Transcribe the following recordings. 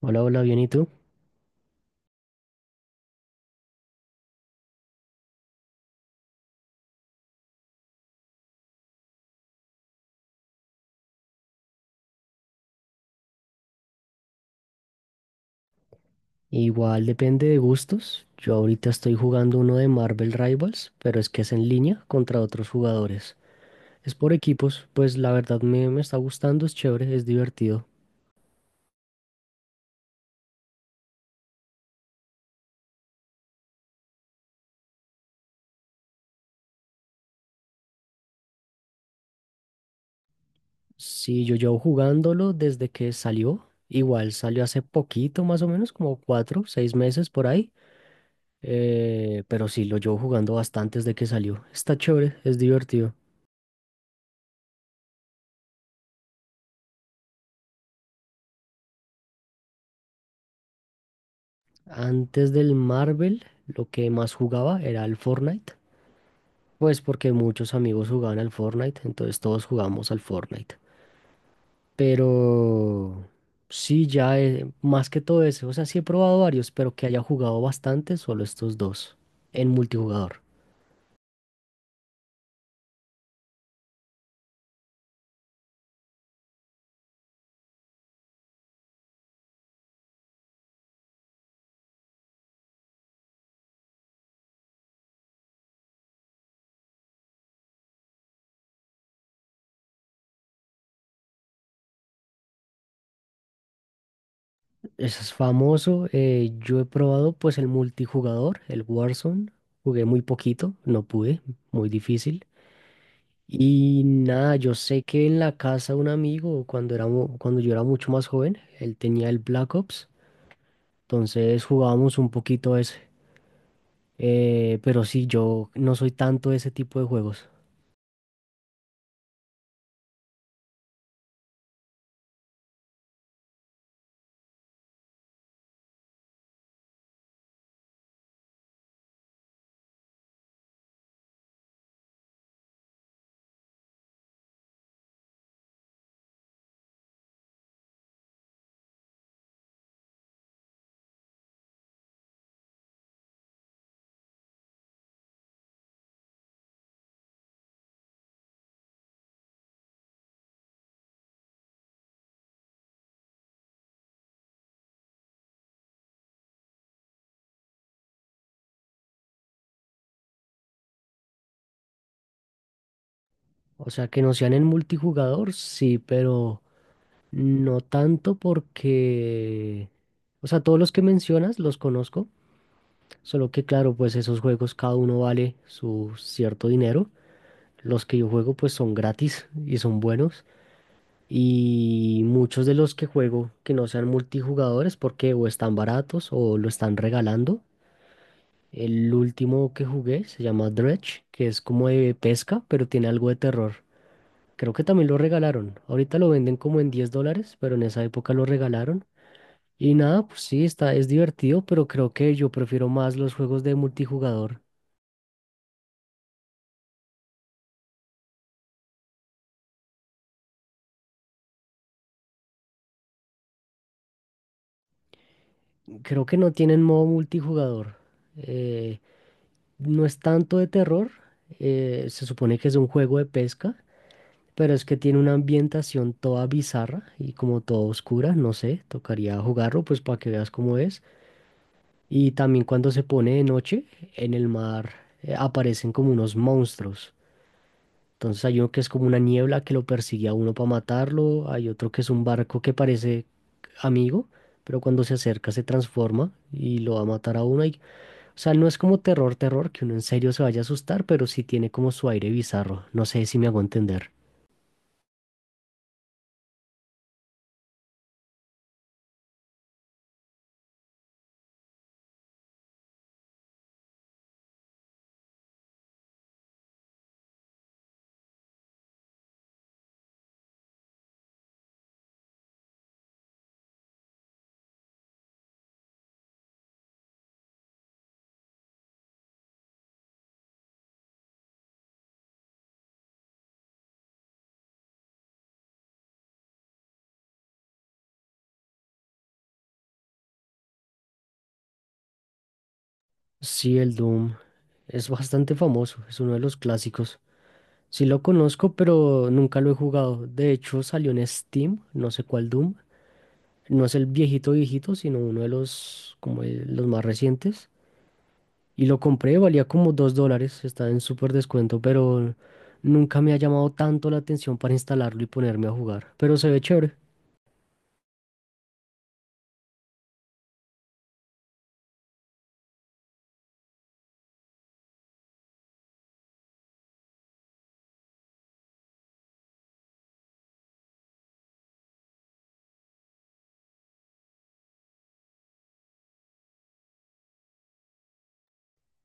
Hola, hola, bien, ¿y tú? Igual depende de gustos. Yo ahorita estoy jugando uno de Marvel Rivals, pero es que es en línea contra otros jugadores. Es por equipos, pues la verdad me está gustando, es chévere, es divertido. Sí, yo llevo jugándolo desde que salió. Igual salió hace poquito, más o menos, como 4, 6 meses por ahí. Pero sí, lo llevo jugando bastante desde que salió. Está chévere, es divertido. Antes del Marvel, lo que más jugaba era el Fortnite. Pues porque muchos amigos jugaban al Fortnite, entonces todos jugamos al Fortnite. Pero sí, ya más que todo eso, o sea, sí he probado varios, pero que haya jugado bastante, solo estos dos en multijugador. Eso es famoso, yo he probado pues el multijugador, el Warzone, jugué muy poquito, no pude, muy difícil. Y nada, yo sé que en la casa de un amigo, cuando era, cuando yo era mucho más joven, él tenía el Black Ops. Entonces jugábamos un poquito. Pero sí, yo no soy tanto de ese tipo de juegos. O sea, que no sean en multijugador, sí, pero no tanto porque... O sea, todos los que mencionas los conozco, solo que claro, pues esos juegos cada uno vale su cierto dinero. Los que yo juego pues son gratis y son buenos. Y muchos de los que juego que no sean multijugadores porque o están baratos o lo están regalando. El último que jugué se llama Dredge, que es como de pesca, pero tiene algo de terror. Creo que también lo regalaron. Ahorita lo venden como en 10 dólares, pero en esa época lo regalaron. Y nada, pues sí, está, es divertido, pero creo que yo prefiero más los juegos de multijugador. Creo que no tienen modo multijugador. Eh, no es tanto de terror, se supone que es un juego de pesca, pero es que tiene una ambientación toda bizarra y como toda oscura, no sé, tocaría jugarlo pues para que veas cómo es. Y también cuando se pone de noche, en el mar aparecen como unos monstruos. Entonces hay uno que es como una niebla que lo persigue a uno para matarlo, hay otro que es un barco que parece amigo, pero cuando se acerca se transforma y lo va a matar a uno. Y, o sea, no es como terror, terror, que uno en serio se vaya a asustar, pero sí tiene como su aire bizarro. No sé si me hago entender. Sí, el Doom es bastante famoso, es uno de los clásicos. Sí lo conozco, pero nunca lo he jugado. De hecho, salió en Steam, no sé cuál Doom. No es el viejito viejito, sino uno de los, como los más recientes. Y lo compré, valía como 2 dólares, está en súper descuento, pero nunca me ha llamado tanto la atención para instalarlo y ponerme a jugar. Pero se ve chévere.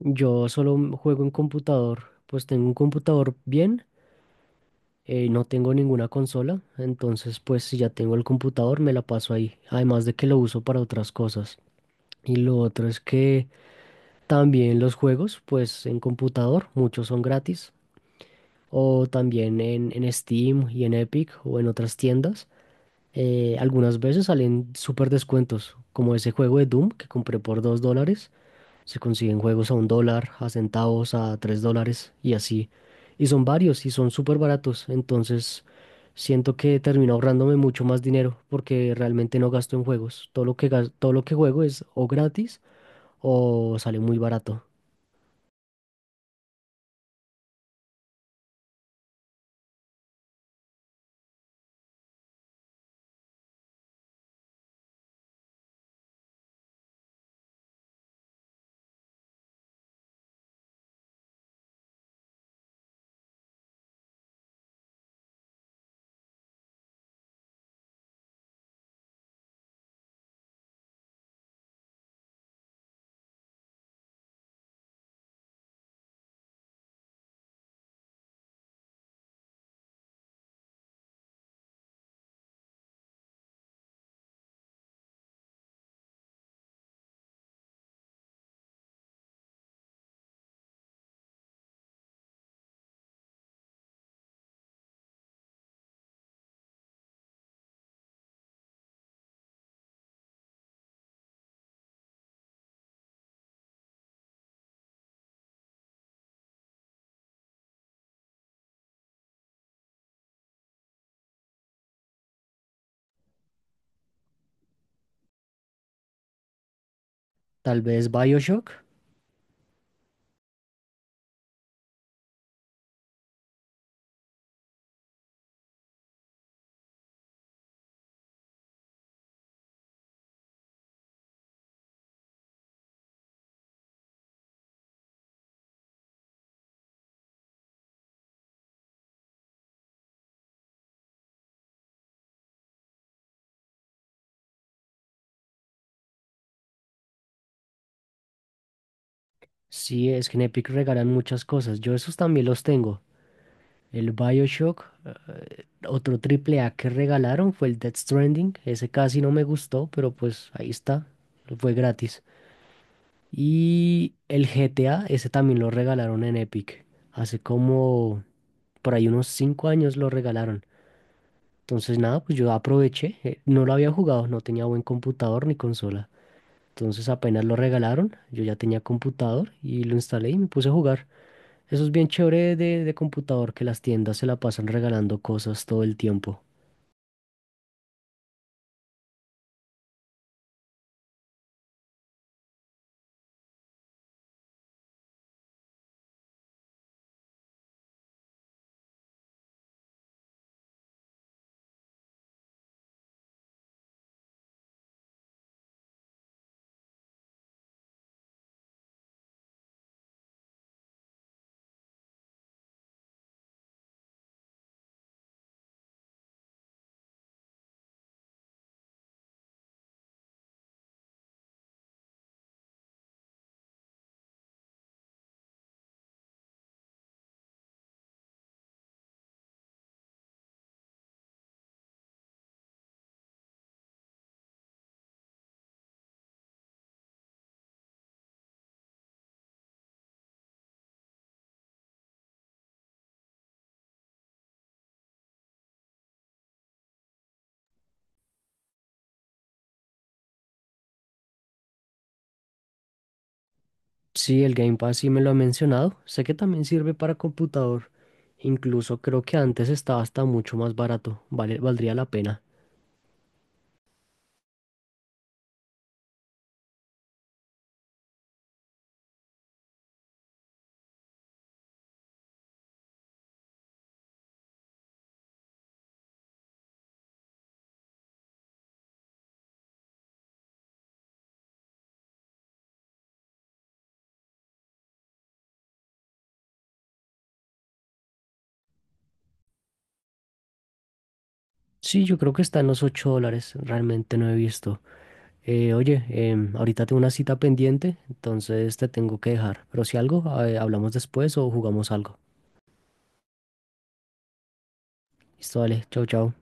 Yo solo juego en computador, pues tengo un computador bien, no tengo ninguna consola, entonces pues si ya tengo el computador me la paso ahí, además de que lo uso para otras cosas. Y lo otro es que también los juegos, pues en computador, muchos son gratis, o también en, Steam y en Epic o en otras tiendas. Algunas veces salen súper descuentos, como ese juego de Doom que compré por 2 dólares. Se consiguen juegos a 1 dólar, a centavos, a 3 dólares y así. Y son varios y son súper baratos. Entonces siento que termino ahorrándome mucho más dinero porque realmente no gasto en juegos. Todo lo que juego es o gratis o sale muy barato. Tal vez BioShock. Sí, es que en Epic regalan muchas cosas. Yo esos también los tengo. El BioShock, otro triple A que regalaron fue el Death Stranding. Ese casi no me gustó, pero pues ahí está. Fue gratis. Y el GTA, ese también lo regalaron en Epic. Hace como por ahí unos 5 años lo regalaron. Entonces nada, pues yo aproveché. No lo había jugado, no tenía buen computador ni consola. Entonces apenas lo regalaron, yo ya tenía computador y lo instalé y me puse a jugar. Eso es bien chévere de computador, que las tiendas se la pasan regalando cosas todo el tiempo. Sí, el Game Pass sí me lo ha mencionado. Sé que también sirve para computador. Incluso creo que antes estaba hasta mucho más barato. Vale, valdría la pena. Sí, yo creo que está en los 8 dólares. Realmente no he visto. Oye, ahorita tengo una cita pendiente, entonces te tengo que dejar. Pero si algo, hablamos después o jugamos algo. Listo, vale. Chau, chau.